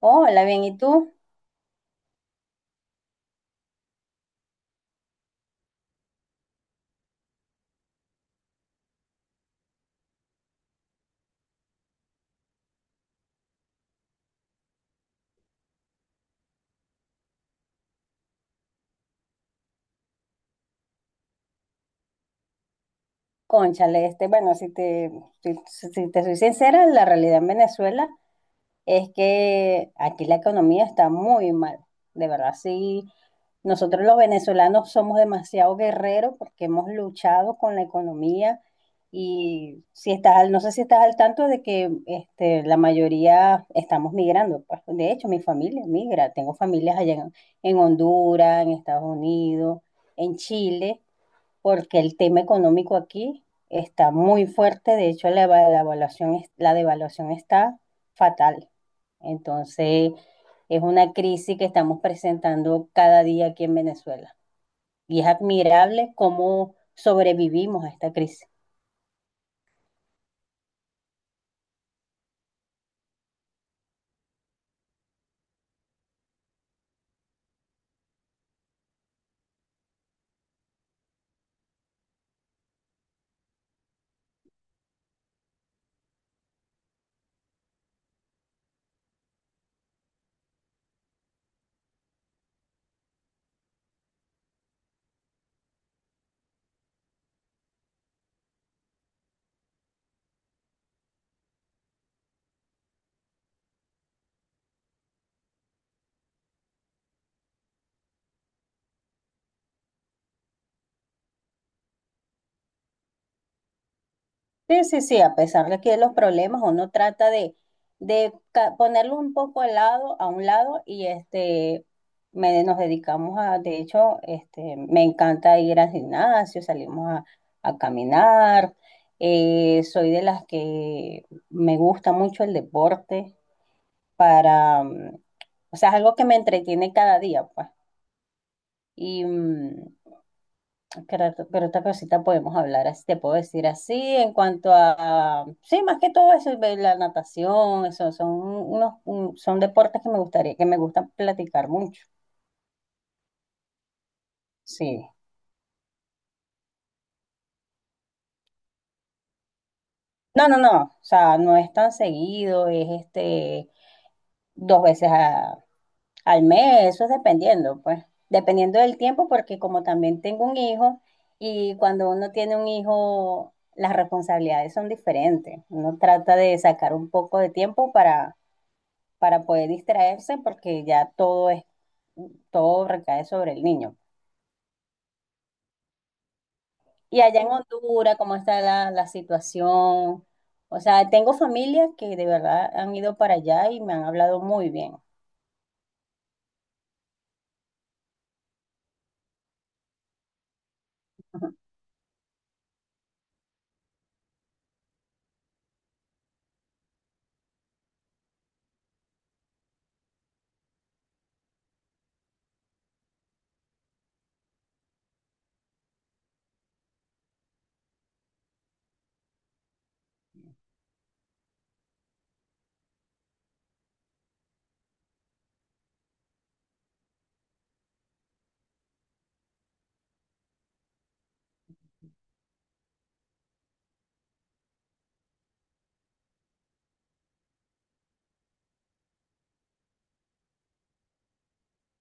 Hola, bien, ¿y tú? Cónchale, bueno, si, si te soy sincera, la realidad en Venezuela es que aquí la economía está muy mal. De verdad, sí, nosotros los venezolanos somos demasiado guerreros porque hemos luchado con la economía y no sé si estás al tanto de que la mayoría estamos migrando. Pues, de hecho, mi familia migra, tengo familias allá en Honduras, en Estados Unidos, en Chile. Porque el tema económico aquí está muy fuerte, de hecho la devaluación está fatal. Entonces, es una crisis que estamos presentando cada día aquí en Venezuela. Y es admirable cómo sobrevivimos a esta crisis. Sí, sí, sí, a pesar de que los problemas uno trata de ponerlo un poco a un lado, y nos dedicamos a, me encanta ir al gimnasio, salimos a caminar, soy de las que me gusta mucho el deporte para, o sea, es algo que me entretiene cada día, pues, y, mm, creo otra cosita podemos hablar, así te puedo decir así, en cuanto a, sí, más que todo eso, ve la natación, eso, son deportes que me gustaría, que me gustan platicar mucho, sí. No, no, no, o sea, no es tan seguido, es dos veces a- al mes, eso es dependiendo, pues, dependiendo del tiempo, porque como también tengo un hijo, y cuando uno tiene un hijo, las responsabilidades son diferentes, uno trata de sacar un poco de tiempo para poder distraerse porque todo recae sobre el niño. Y allá en Honduras, ¿cómo está la situación? O sea, tengo familias que de verdad han ido para allá y me han hablado muy bien.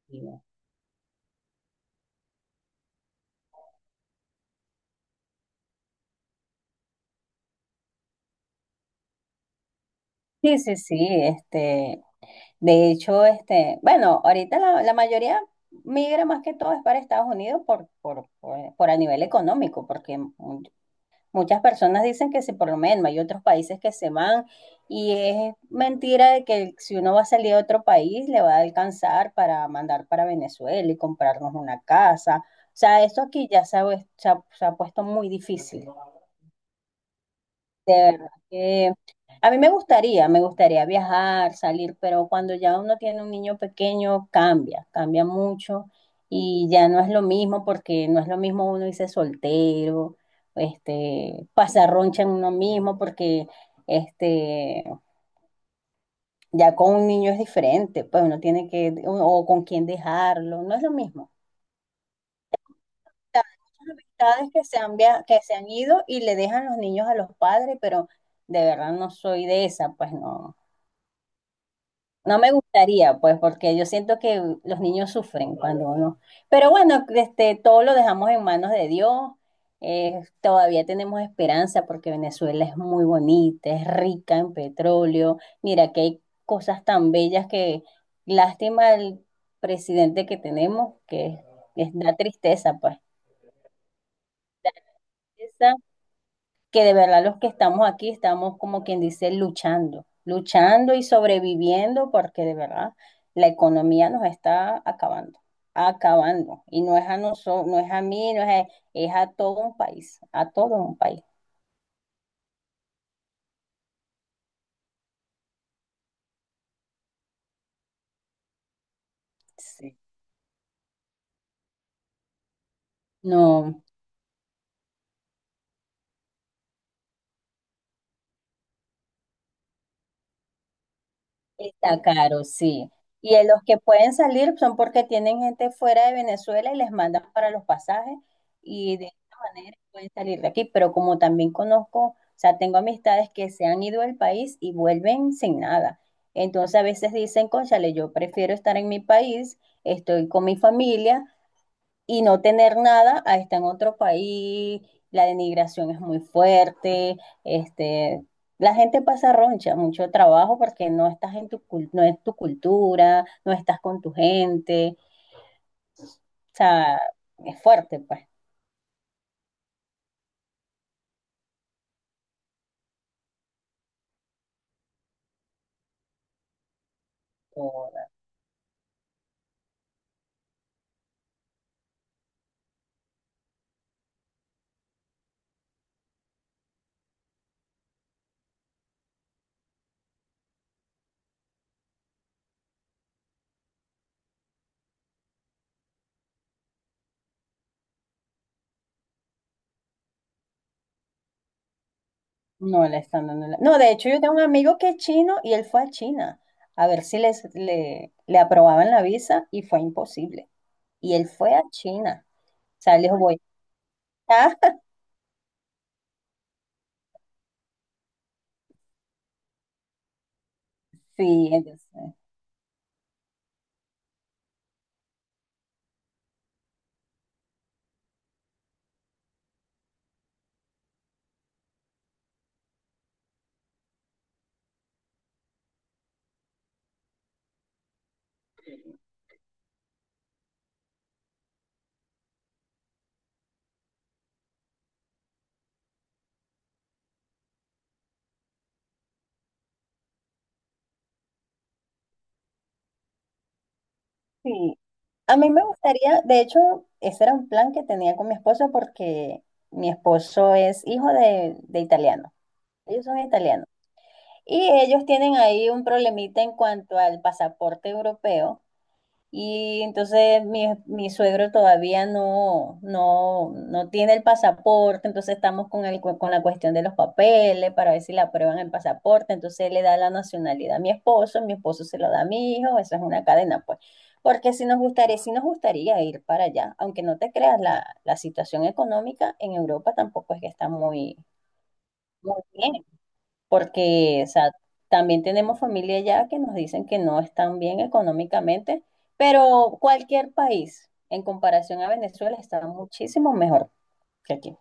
Ujú. Sí, sí, sí, de hecho, bueno, ahorita la mayoría migra más que todo es para Estados Unidos por a nivel económico, muchas personas dicen que sí, por lo menos hay otros países que se van y es mentira de que si uno va a salir a otro país le va a alcanzar para mandar para Venezuela y comprarnos una casa. O sea, esto aquí ya se ha, vues- se ha puesto muy difícil. De verdad que a mí me gustaría viajar, salir, pero cuando ya uno tiene un niño pequeño cambia, cambia mucho y ya no es lo mismo porque no es lo mismo uno irse soltero, pasar roncha en uno mismo porque este, ya con un niño es diferente, pues uno tiene que, o con quién dejarlo, no es lo mismo. Hay amistades que se han ido y le dejan los niños a los padres, pero de verdad no soy de esa, pues no. No me gustaría, pues, porque yo siento que los niños sufren cuando uno. Pero bueno, todo lo dejamos en manos de Dios. Todavía tenemos esperanza porque Venezuela es muy bonita, es rica en petróleo. Mira que hay cosas tan bellas que lástima el presidente que tenemos, que es, da tristeza, pues. Que de verdad los que estamos aquí estamos como quien dice luchando, luchando y sobreviviendo porque de verdad la economía nos está acabando, acabando. Y no es a nosotros, no es a mí, no es a, es a todo un país, a todo un país. Sí. No, está caro, sí. Y en los que pueden salir son porque tienen gente fuera de Venezuela y les mandan para los pasajes y de esta manera pueden salir de aquí. Pero como también conozco, o sea, tengo amistades que se han ido del país y vuelven sin nada. Entonces a veces dicen, cónchale, yo prefiero estar en mi país, estoy con mi familia y no tener nada a estar en otro país, la denigración es muy fuerte, este, la gente pasa roncha, mucho trabajo porque no estás en tu, cul- no es tu cultura, no estás con tu gente, o sea, es fuerte, pues. o- No le están dando no, de hecho yo tengo un amigo que es chino y él fue a China a ver si le aprobaban la visa y fue imposible. Y él fue a China, o sea, les voy a... Sí, entonces, sí, a mí me gustaría, de hecho, ese era un plan que tenía con mi esposo porque mi esposo es hijo de italiano, ellos son italianos y ellos tienen ahí un problemita en cuanto al pasaporte europeo. Y entonces mi suegro todavía no tiene el pasaporte, entonces estamos con con la cuestión de los papeles para ver si le aprueban el pasaporte, entonces él le da la nacionalidad a mi esposo se lo da a mi hijo, eso es una cadena, pues. Porque si nos gustaría, si nos gustaría ir para allá, aunque no te creas, la situación económica en Europa tampoco es que está muy, muy bien porque, o sea, también tenemos familia allá que nos dicen que no están bien económicamente, pero cualquier país en comparación a Venezuela está muchísimo mejor que aquí.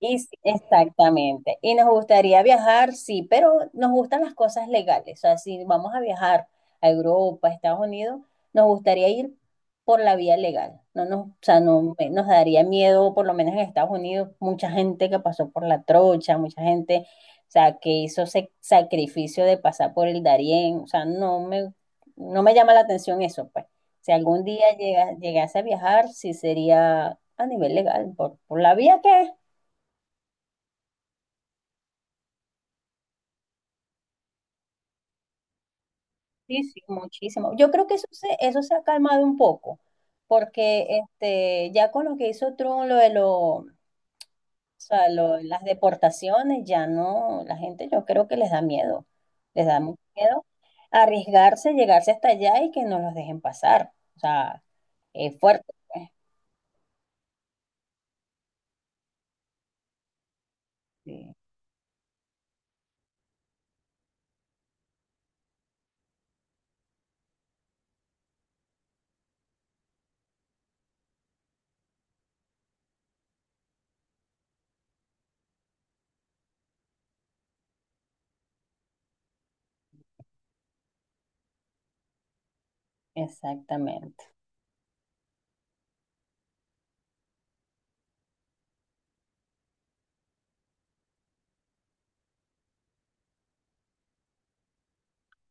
Y sí, exactamente. Y nos gustaría viajar, sí, pero nos gustan las cosas legales. O sea, si vamos a viajar a Europa, a Estados Unidos, nos gustaría ir por la vía legal. No nos, o sea, no me- Nos daría miedo, por lo menos en Estados Unidos, mucha gente que pasó por la trocha, mucha gente, o sea, que hizo ese sacrificio de pasar por el Darién. O sea, no me llama la atención eso, pues. Si algún día llega- llegase a viajar, sí sería a nivel legal, por la vía que es. Sí, sí, muchísimo. Yo creo que eso se ha calmado un poco, porque ya con lo que hizo Trump, lo de lo, o sea, lo- las deportaciones, ya no, la gente yo creo que les da miedo, les da mucho miedo arriesgarse, llegarse hasta allá y que no los dejen pasar. O sea, es fuerte, pues. Sí, exactamente.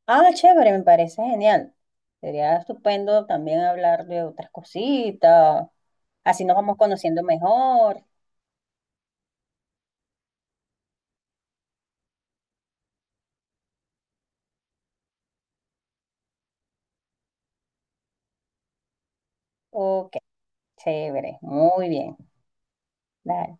Ah, chévere, me parece genial. Sería estupendo también hablar de otras cositas, así nos vamos conociendo mejor. Ok. Chévere, muy bien. Dale.